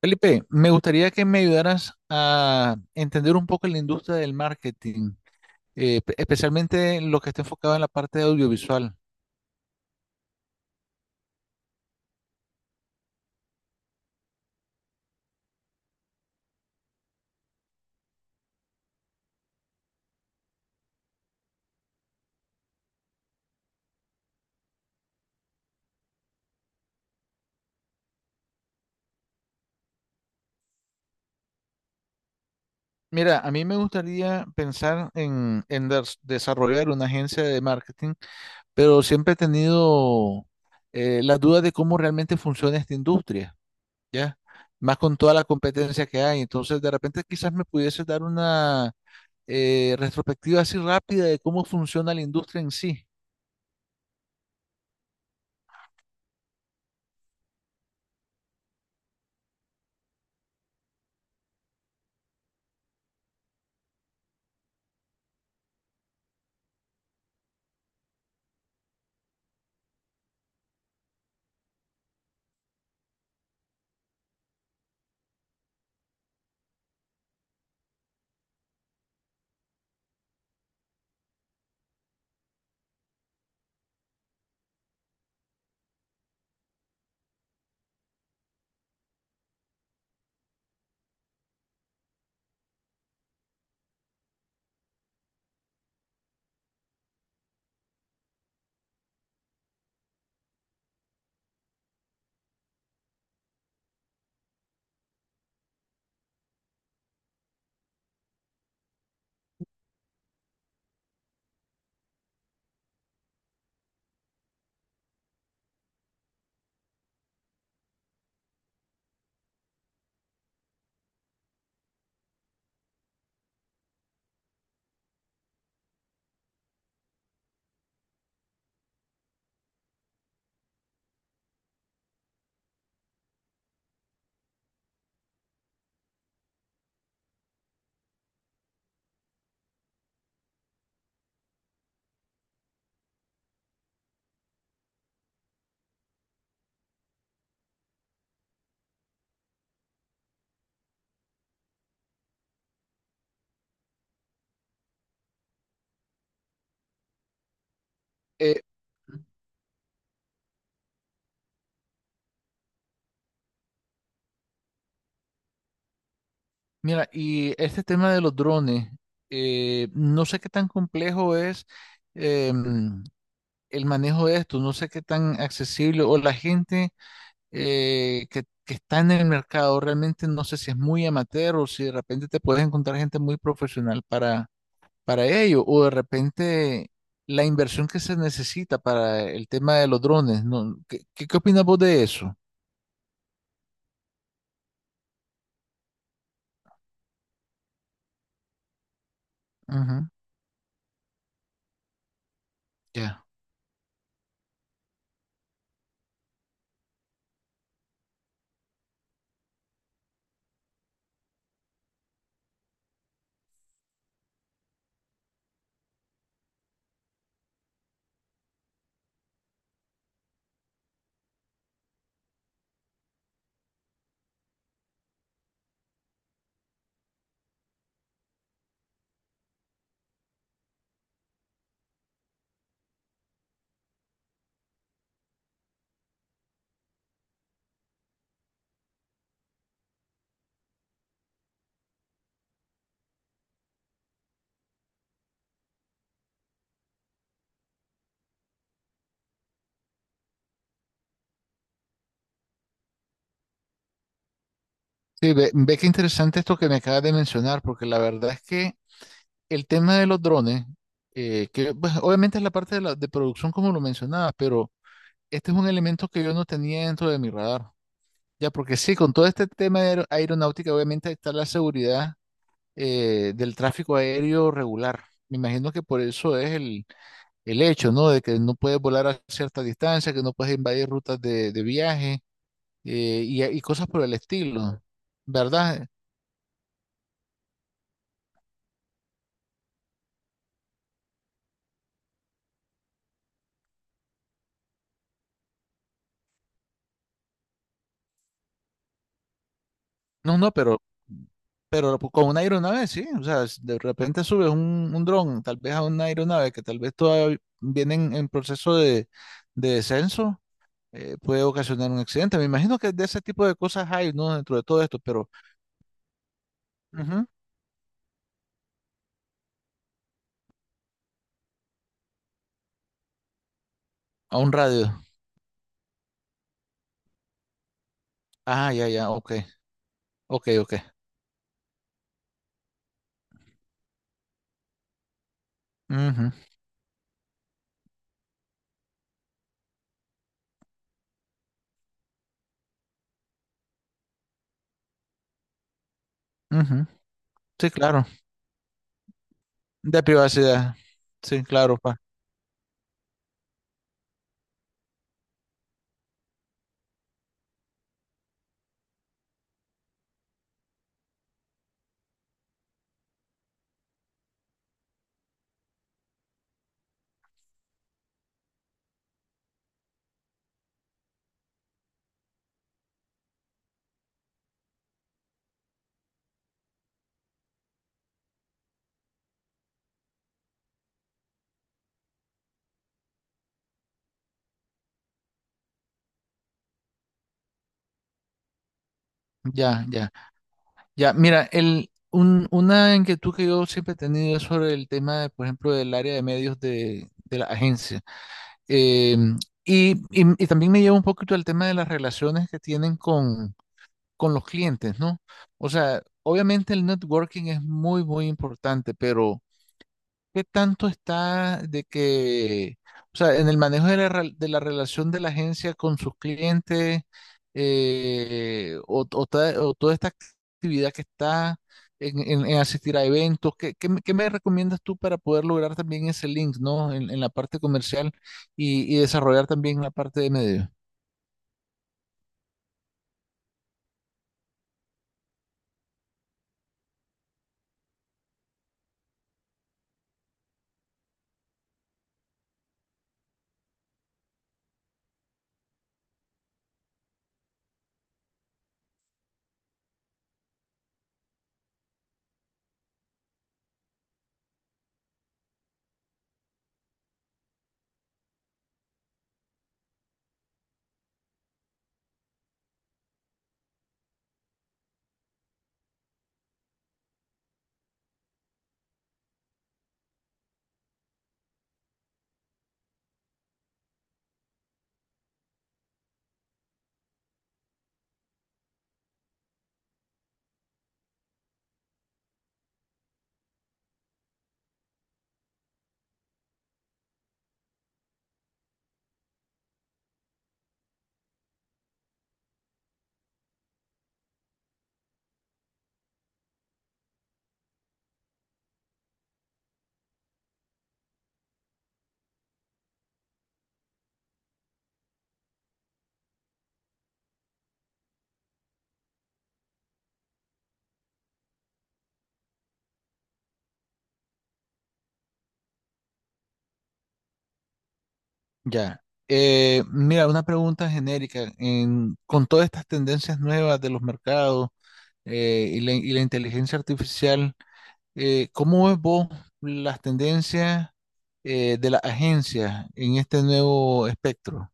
Felipe, me gustaría que me ayudaras a entender un poco la industria del marketing, especialmente lo que está enfocado en la parte de audiovisual. Mira, a mí me gustaría pensar en desarrollar una agencia de marketing, pero siempre he tenido las dudas de cómo realmente funciona esta industria, ¿ya? Más con toda la competencia que hay. Entonces, de repente quizás me pudiese dar una retrospectiva así rápida de cómo funciona la industria en sí. Eh, Mira, y este tema de los drones, no sé qué tan complejo es em, el manejo de esto, no sé qué tan accesible o la gente que está en el mercado, realmente no sé si es muy amateur o si de repente te puedes encontrar gente muy profesional para ello o de repente la inversión que se necesita para el tema de los drones, ¿no? ¿ qué opinas vos de eso? Ujú. Ya. Sí, ve, ve qué interesante esto que me acabas de mencionar, porque la verdad es que el tema de los drones, que pues, obviamente es la parte de producción como lo mencionabas, pero este es un elemento que yo no tenía dentro de mi radar. Ya, porque sí, con todo este tema de aeronáutica, obviamente está la seguridad del tráfico aéreo regular. Me imagino que por eso es el hecho, ¿no? De que no puedes volar a cierta distancia, que no puedes invadir rutas de viaje y cosas por el estilo, ¿verdad? No, no, pero con una aeronave, sí. O sea, si de repente subes un dron, tal vez a una aeronave que tal vez todavía vienen en proceso de descenso, puede ocasionar un accidente. Me imagino que de ese tipo de cosas hay, ¿no? Dentro de todo esto, pero ujú, a un radio. Ah, ya, ya, ok, ok, ok. Ujú, ujú. Sí, claro. De privacidad. Sí, claro, pa. Ya, ya, ya. Mira, una inquietud que yo siempre he tenido es sobre el tema, de, por ejemplo, del área de medios de la agencia. Eh, y, y- también me lleva un poquito al tema de las relaciones que tienen con los clientes, ¿no? O sea, obviamente el networking es muy, muy importante, pero ¿qué tanto está de que, o sea, en el manejo de de la relación de la agencia con sus clientes o o toda esta actividad que está en asistir a eventos? ¿ qué me recomiendas tú para poder lograr también ese link, ¿no? En la parte comercial y desarrollar también la parte de medio. Ya. Mira, una pregunta genérica. Con todas estas tendencias nuevas de los mercados y la inteligencia artificial? ¿Cómo ves vos las tendencias de las agencias en este nuevo espectro?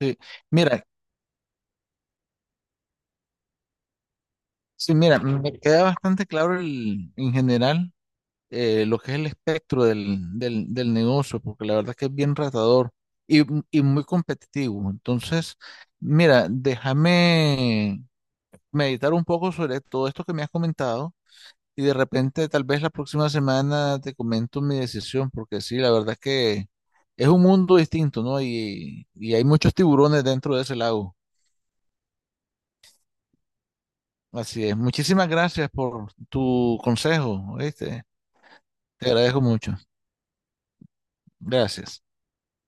Sí, mira, sí, mira, me queda bastante claro en general lo que es el espectro del negocio, porque la verdad es que es bien ratador y, y muy competitivo. Entonces, mira, déjame meditar un poco sobre todo esto que me has comentado. Y de repente, tal vez la próxima semana te comento mi decisión, porque sí, la verdad es que es un mundo distinto, ¿no? Y hay muchos tiburones dentro de ese lago. Así es. Muchísimas gracias por tu consejo, ¿oíste? Te agradezco mucho. Gracias.